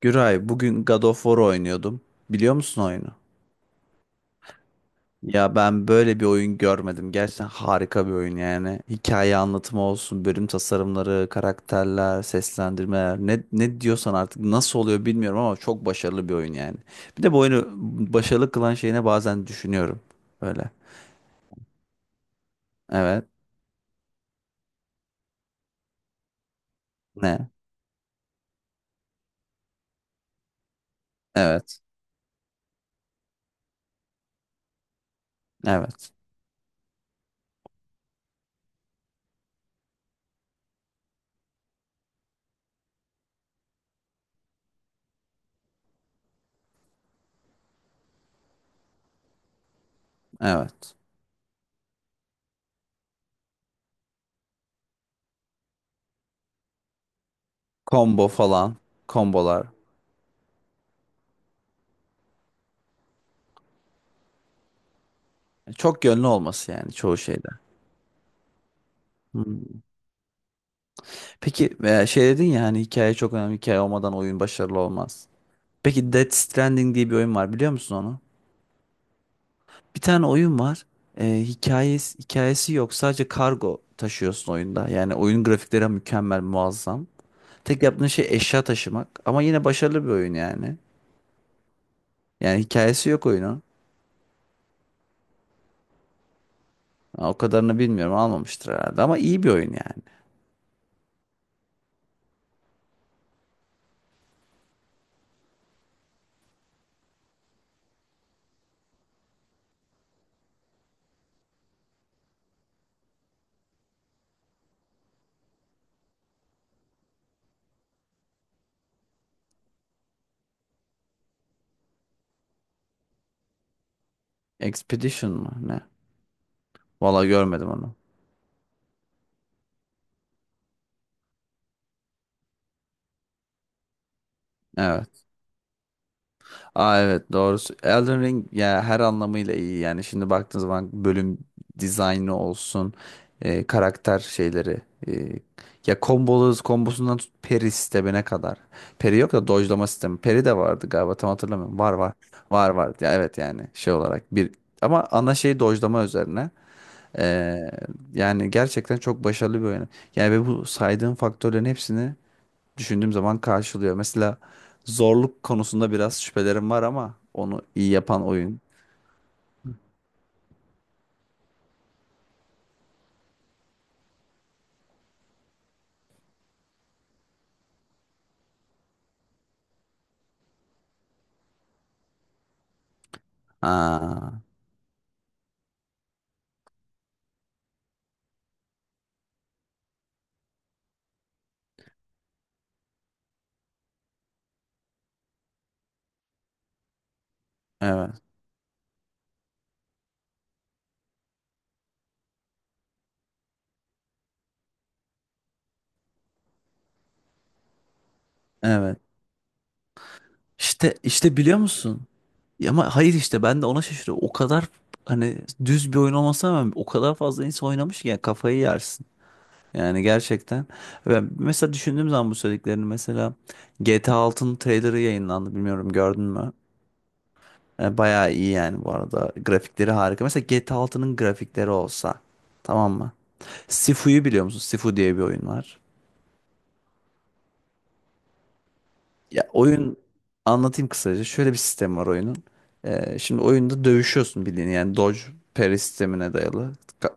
Güray, bugün God of War oynuyordum. Biliyor musun oyunu? Ya ben böyle bir oyun görmedim. Gerçekten harika bir oyun yani. Hikaye anlatımı olsun, bölüm tasarımları, karakterler, seslendirmeler. Ne diyorsan artık nasıl oluyor bilmiyorum ama çok başarılı bir oyun yani. Bir de bu oyunu başarılı kılan şeyine bazen düşünüyorum. Böyle. Evet. Ne? Evet. Evet. Evet. Combo falan. Kombolar. Çok yönlü olması yani çoğu şeyde. Hı. Peki şey dedin ya, hani hikaye çok önemli. Hikaye olmadan oyun başarılı olmaz. Peki Death Stranding diye bir oyun var, biliyor musun onu? Bir tane oyun var. Hikayesi yok. Sadece kargo taşıyorsun oyunda. Yani oyun grafikleri mükemmel, muazzam. Tek yaptığın şey eşya taşımak. Ama yine başarılı bir oyun yani. Yani hikayesi yok oyunun. Ha, o kadarını bilmiyorum, almamıştır herhalde. Ama iyi bir oyun yani. Expedition mı ne? Valla görmedim onu. Evet. Aa evet, doğrusu Elden Ring ya, her anlamıyla iyi yani. Şimdi baktığın zaman, bölüm dizaynı olsun, karakter şeyleri, e, ya, kombolu kombosundan tut peri sistemine kadar. Peri yok da dojlama sistemi, peri de vardı galiba, tam hatırlamıyorum. Var var, var var ya, evet. Yani şey olarak bir, ama ana şey dojlama üzerine. E, yani gerçekten çok başarılı bir oyun yani, ve bu saydığım faktörlerin hepsini düşündüğüm zaman karşılıyor. Mesela zorluk konusunda biraz şüphelerim var ama onu iyi yapan oyun. Aa, evet. Evet. İşte biliyor musun? Ya ama hayır, işte ben de ona şaşırıyorum. O kadar, hani, düz bir oyun olmasına rağmen o kadar fazla insan oynamış ki yani kafayı yersin. Yani gerçekten. Ben mesela düşündüğüm zaman bu söylediklerini, mesela GTA 6'nın trailerı yayınlandı, bilmiyorum, gördün mü? Bayağı iyi yani bu arada. Grafikleri harika. Mesela GTA 6'nın grafikleri olsa, tamam mı? Sifu'yu biliyor musun? Sifu diye bir oyun var. Ya, oyun, anlatayım kısaca. Şöyle bir sistem var oyunun. Şimdi oyunda dövüşüyorsun, bildiğin yani dodge parry sistemine dayalı ka-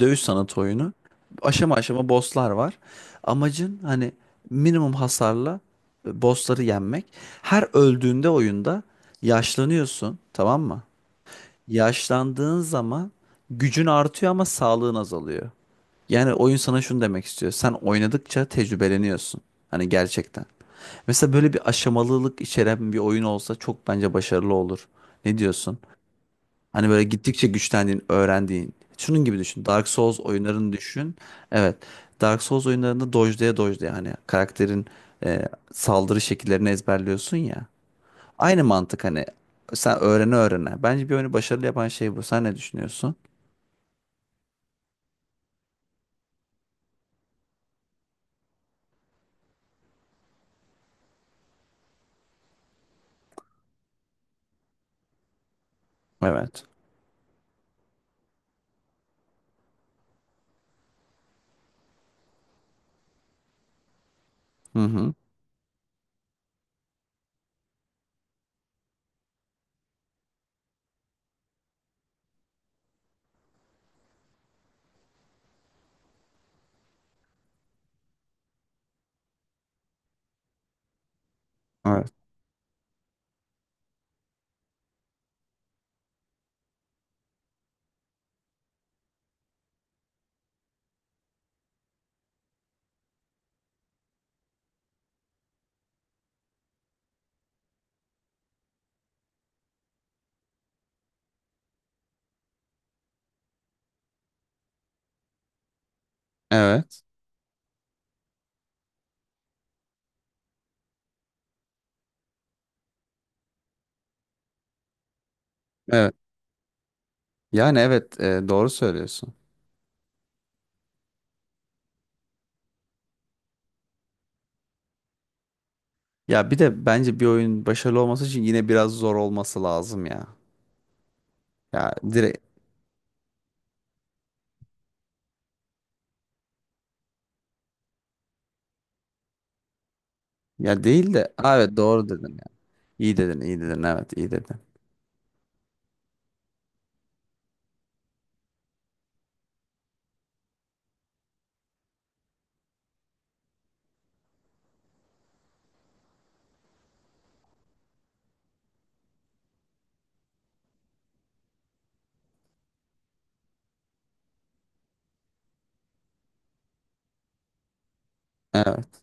dövüş sanatı oyunu. Aşama aşama bosslar var. Amacın hani minimum hasarla bossları yenmek. Her öldüğünde oyunda yaşlanıyorsun, tamam mı? Yaşlandığın zaman gücün artıyor ama sağlığın azalıyor. Yani oyun sana şunu demek istiyor: sen oynadıkça tecrübeleniyorsun. Hani gerçekten. Mesela böyle bir aşamalılık içeren bir oyun olsa çok bence başarılı olur. Ne diyorsun? Hani böyle gittikçe güçlendiğin, öğrendiğin. Şunun gibi düşün. Dark Souls oyunlarını düşün. Evet. Dark Souls oyunlarında dojlaya dojlaya hani karakterin saldırı şekillerini ezberliyorsun ya. Aynı mantık, hani sen öğrene öğrene. Bence bir oyunu başarılı yapan şey bu. Sen ne düşünüyorsun? Evet. Hı hı. Evet. Evet. Evet. Yani evet, doğru söylüyorsun. Ya bir de bence bir oyun başarılı olması için yine biraz zor olması lazım ya. Ya direkt, ya değil de. Aa, evet, doğru dedin ya. İyi dedin, iyi dedin, evet iyi dedin. Evet.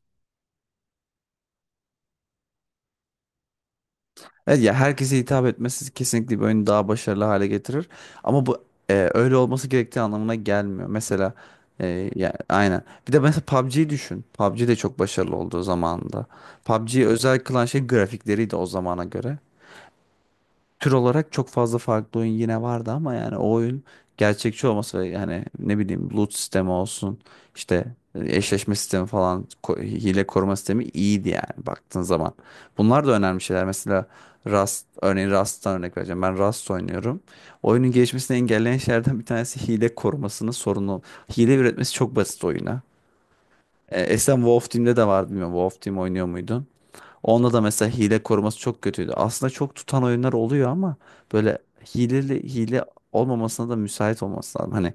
Evet ya, herkese hitap etmesi kesinlikle bir oyunu daha başarılı hale getirir. Ama bu öyle olması gerektiği anlamına gelmiyor. Mesela ya, aynen. Bir de mesela PUBG'yi düşün. PUBG de çok başarılı olduğu zamanında. PUBG'yi özel kılan şey grafikleriydi o zamana göre. Tür olarak çok fazla farklı oyun yine vardı ama yani o oyun gerçekçi olması, ve yani, ne bileyim, loot sistemi olsun, işte eşleşme sistemi falan, hile koruma sistemi iyiydi yani baktığın zaman. Bunlar da önemli şeyler. Mesela Rust, örneğin Rust'tan örnek vereceğim. Ben Rust oynuyorum. Oyunun gelişmesini engelleyen şeylerden bir tanesi hile korumasının sorunu. Hile üretmesi çok basit oyuna. Esen Wolf Team'de de vardı, bilmiyorum. Wolf Team oynuyor muydun? Onda da mesela hile koruması çok kötüydü. Aslında çok tutan oyunlar oluyor ama böyle hileli hile olmamasına da müsait olması lazım. Hani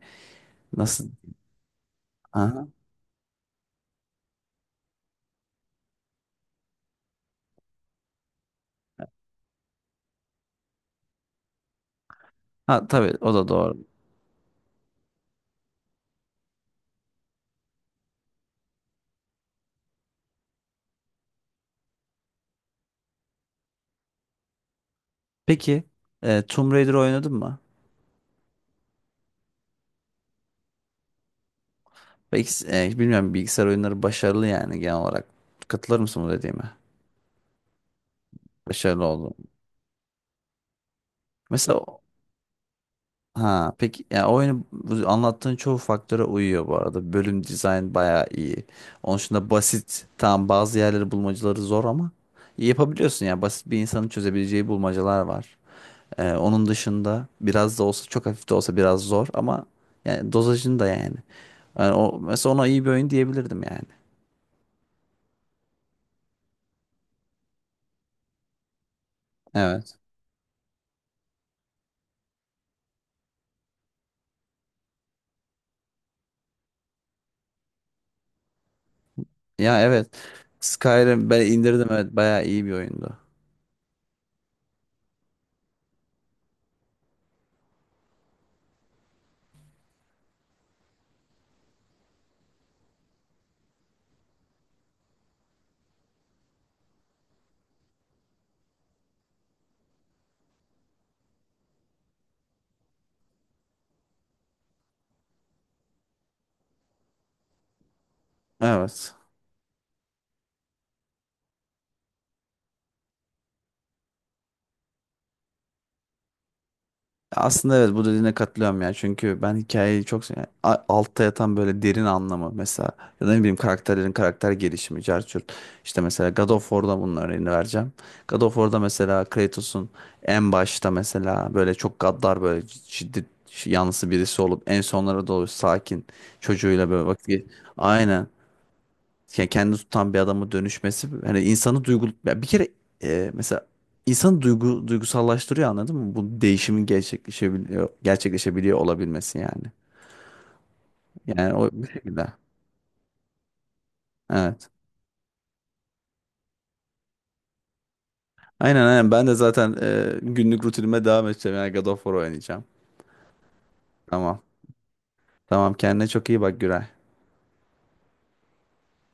nasıl? Aha. Ha, tabii o da doğru. Peki, Tomb Raider oynadın mı? Belki, bilmiyorum, bilgisayar oyunları başarılı yani genel olarak. Katılır mısın bu dediğime? Başarılı oldu. Mesela. Ha, peki, ya oyunu bu anlattığın çoğu faktöre uyuyor bu arada. Bölüm dizayn bayağı iyi. Onun dışında basit. Tamam, bazı yerleri, bulmacaları zor ama yapabiliyorsun ya. Basit bir insanın çözebileceği bulmacalar var. Onun dışında biraz da olsa, çok hafif de olsa biraz zor ama yani dozajını da yani. Yani o, mesela ona iyi bir oyun diyebilirdim yani. Evet. Ya evet. Skyrim ben indirdim, evet, bayağı iyi bir oyundu. Evet. Aslında evet, bu dediğine katılıyorum ya. Çünkü ben hikayeyi çok seviyorum. Altta yatan böyle derin anlamı mesela, ya da ne bileyim, karakterlerin karakter gelişimi, carçurt. İşte mesela God of War'da bunun örneğini vereceğim. God of War'da mesela Kratos'un en başta mesela böyle çok gaddar, böyle şiddet yanlısı birisi olup, en sonlara doğru sakin, çocuğuyla böyle vakit. Aynen, yani kendini tutan bir adama dönüşmesi, hani insanı duygu, ya bir kere, mesela insanı duygusallaştırıyor, anladın mı? Bu değişimin gerçekleşebiliyor olabilmesi yani. Yani o bir şekilde. Evet. Aynen aynen, ben de zaten günlük rutinime devam edeceğim. Yani God of War oynayacağım. Tamam. Tamam, kendine çok iyi bak Güray.